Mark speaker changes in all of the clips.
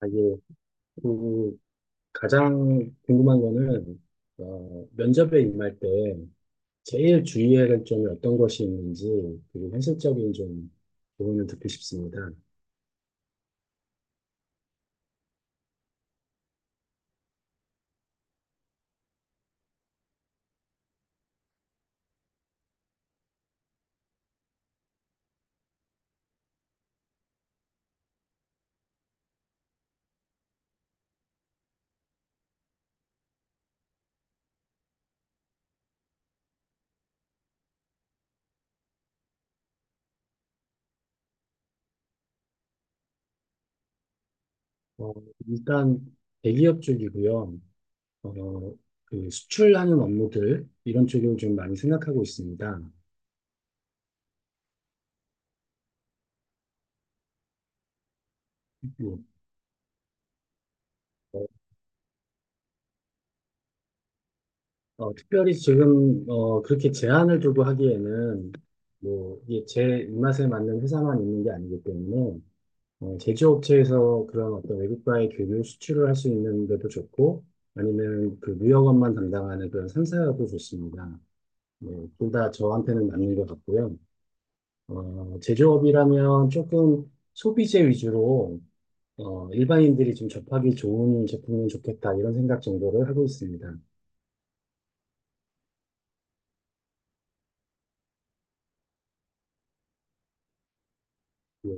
Speaker 1: 아, 예. 그 가장 궁금한 거는 면접에 임할 때 제일 주의해야 할 점이 어떤 것이 있는지, 그리고 현실적인 좀 조언을 듣고 싶습니다. 어, 일단 대기업 쪽이고요. 어, 그 수출하는 업무들 이런 쪽을 좀 많이 생각하고 있습니다. 뭐, 어, 특별히 지금 그렇게 제한을 두고 하기에는 뭐 이게 제 입맛에 맞는 회사만 있는 게 아니기 때문에, 제조업체에서 그런 어떤 외국과의 교류 수출을 할 수 있는 데도 좋고, 아니면 그 무역업만 담당하는 그런 상사도 좋습니다. 네, 둘다 저한테는 맞는 것 같고요. 제조업이라면 조금 소비재 위주로 일반인들이 좀 접하기 좋은 제품은 좋겠다 이런 생각 정도를 하고 있습니다. 예,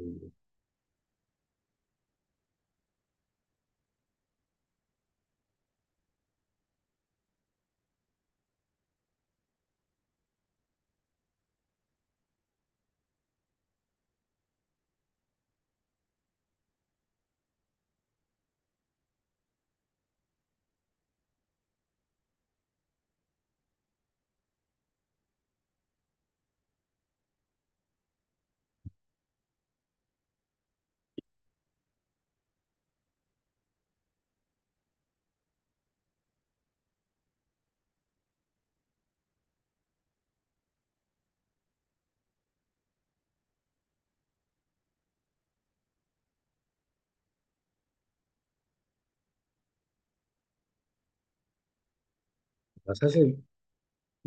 Speaker 1: 아, 사실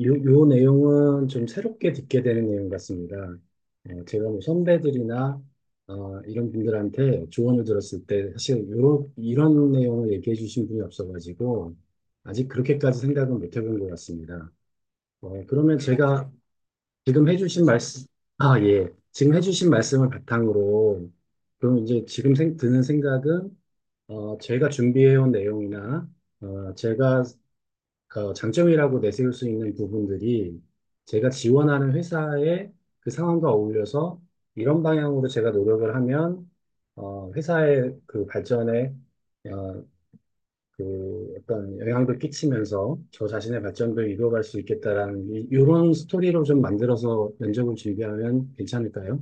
Speaker 1: 요 내용은 좀 새롭게 듣게 되는 내용 같습니다. 제가 뭐 선배들이나 이런 분들한테 조언을 들었을 때 사실 이런 내용을 얘기해 주신 분이 없어가지고 아직 그렇게까지 생각은 못 해본 것 같습니다. 그러면 제가 지금 해주신 아, 예. 지금 해주신 말씀을 바탕으로 그럼 이제 지금 드는 생각은, 제가 준비해온 내용이나 제가 장점이라고 내세울 수 있는 부분들이 제가 지원하는 회사의 그 상황과 어울려서 이런 방향으로 제가 노력을 하면, 회사의 그 발전에 어, 그 어떤 영향도 끼치면서 저 자신의 발전도 이루어갈 수 있겠다라는 이런 스토리로 좀 만들어서 면접을 준비하면 괜찮을까요?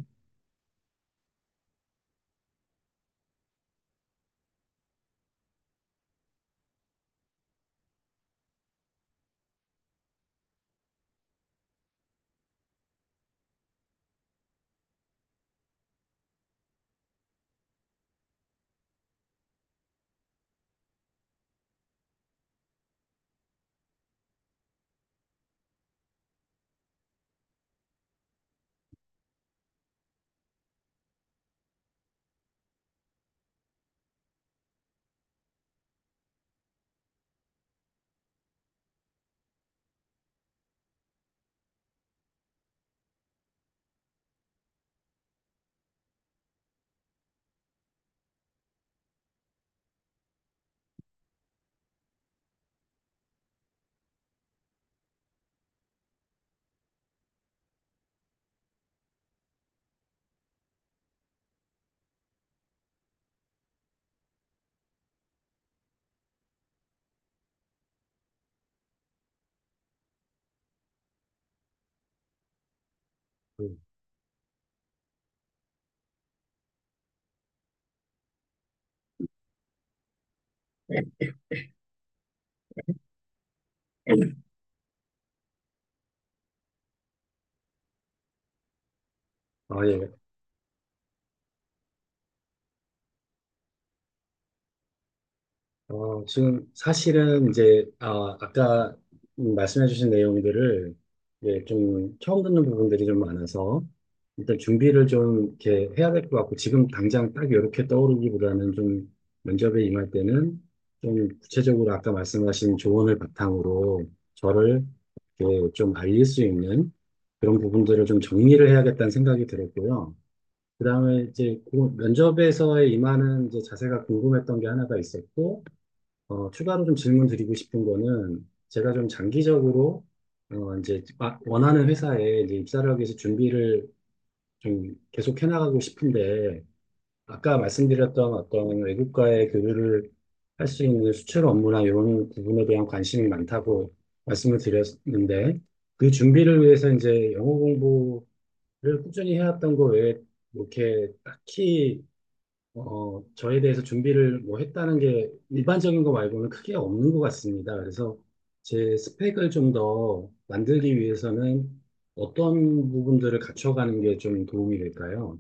Speaker 1: 음. 아, 예, 지금 사실은 이제 아, 아까 말씀해주신 내용들을 이제 좀 처음 듣는 부분들이 좀 많아서, 일단 준비를 좀 이렇게 해야 될 것 같고, 지금 당장 딱 이렇게 떠오르기보다는 좀 면접에 임할 때는 좀 구체적으로 아까 말씀하신 조언을 바탕으로 저를 이렇게 좀 알릴 수 있는 그런 부분들을 좀 정리를 해야겠다는 생각이 들었고요. 그다음에 이제 그 면접에서의 임하는 이제 자세가 궁금했던 게 하나가 있었고. 추가로 좀 질문 드리고 싶은 거는 제가 좀 장기적으로 이제 원하는 회사에 이제 입사를 하기 위해서 준비를 좀 계속 해나가고 싶은데, 아까 말씀드렸던 어떤 외국과의 교류를 할 수 있는 수출 업무나 이런 부분에 대한 관심이 많다고 말씀을 드렸는데, 그 준비를 위해서 이제 영어 공부를 꾸준히 해왔던 거 외에 뭐 이렇게 딱히 저에 대해서 준비를 뭐 했다는 게 일반적인 거 말고는 크게 없는 것 같습니다. 그래서 제 스펙을 좀 더 만들기 위해서는 어떤 부분들을 갖춰가는 게 좀 도움이 될까요?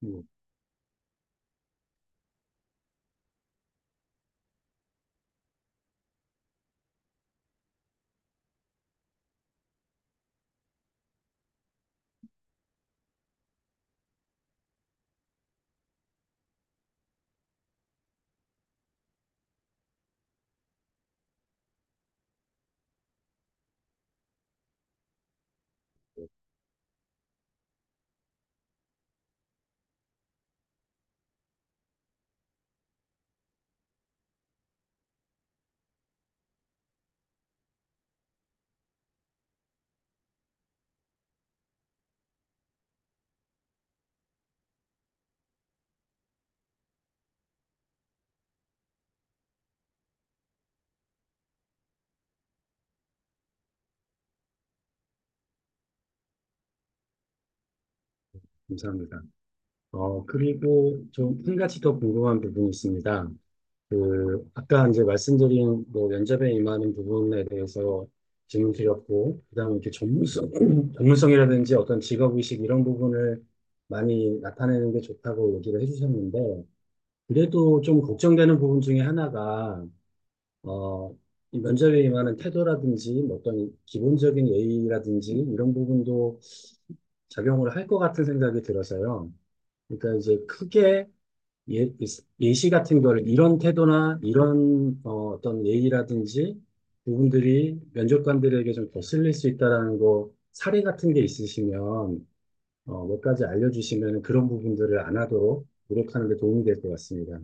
Speaker 1: 뭐, 감사합니다. 그리고 좀 한 가지 더 궁금한 부분이 있습니다. 그 아까 이제 말씀드린 뭐 면접에 임하는 부분에 대해서 질문 드렸고, 그다음에 이렇게 전문성 전문성이라든지 어떤 직업 의식 이런 부분을 많이 나타내는 게 좋다고 얘기를 해주셨는데, 그래도 좀 걱정되는 부분 중에 하나가 어, 이 면접에 임하는 태도라든지 뭐 어떤 기본적인 예의라든지 이런 부분도 작용을 할 것 같은 생각이 들어서요. 그러니까 이제 크게 예, 예시 같은 거를 이런 태도나 이런 어떤 예의라든지 부분들이 면접관들에게 좀 거슬릴 수 있다라는 거 사례 같은 게 있으시면 몇 가지 알려주시면 그런 부분들을 안 하도록 노력하는 데 도움이 될 것 같습니다.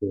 Speaker 1: 네.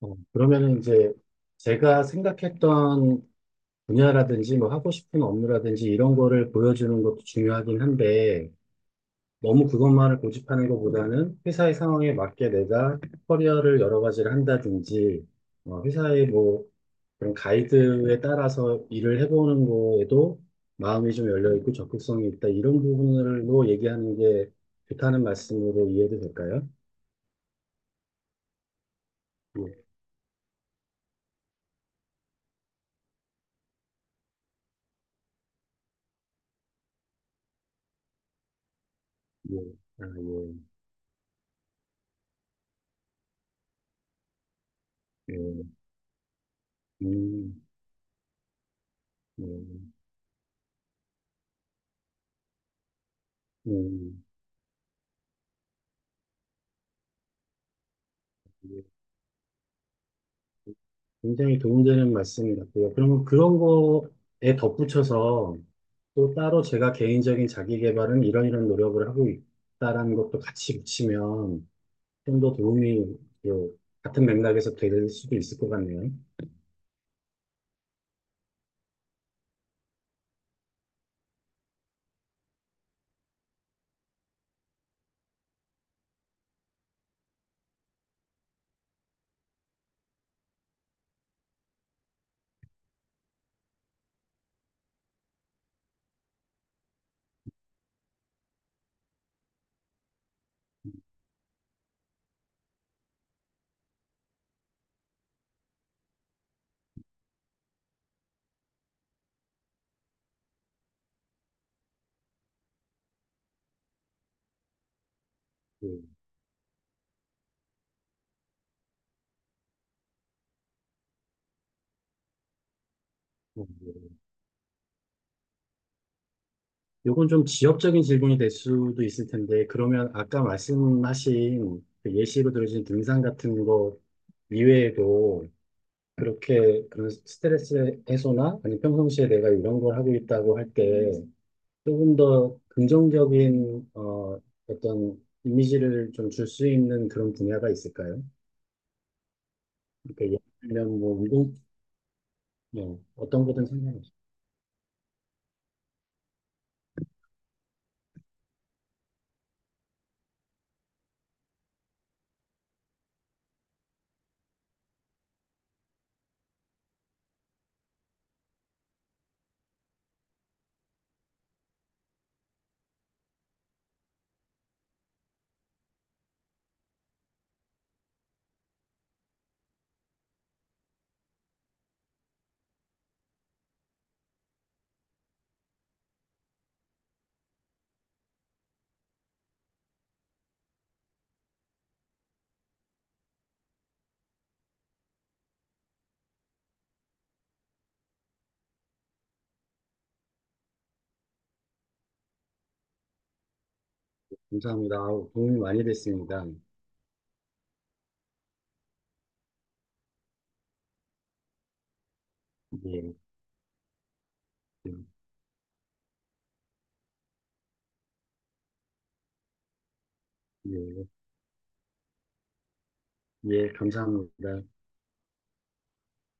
Speaker 1: 그러면은 이제 제가 생각했던 분야라든지 뭐 하고 싶은 업무라든지 이런 거를 보여주는 것도 중요하긴 한데, 너무 그것만을 고집하는 것보다는 회사의 상황에 맞게 내가 커리어를 여러 가지를 한다든지, 회사의 뭐 그런 가이드에 따라서 일을 해보는 거에도 마음이 좀 열려있고 적극성이 있다. 이런 부분으로 얘기하는 게 좋다는 말씀으로 이해도 될까요? 예, 예, 아, 예, 예, 음, 예, 음, 예. 굉장히 도움되는 말씀 같고요. 그러면 그런 거에 덧붙여서 또 따로 제가 개인적인 자기 개발은 이런 노력을 하고 있다라는 것도 같이 붙이면 좀 더 도움이 그 같은 맥락에서 될 수도 있을 것 같네요. 그, 예. 요건 좀 지역적인 질문이 될 수도 있을 텐데, 그러면 아까 말씀하신 그 예시로 들으신 등산 같은 거 이외에도 그렇게 그런 스트레스 해소나, 아니 평상시에 내가 이런 걸 하고 있다고 할때 조금 더 긍정적인 어떤 이미지를 좀 줄 수 있는 그런 분야가 있을까요? 그러니까 예를 들면 뭐 운동, 네, 어떤 거든 상관없어요. 감사합니다. 아우, 도움이 많이 됐습니다. 예, 예, 예, 예, 감사합니다.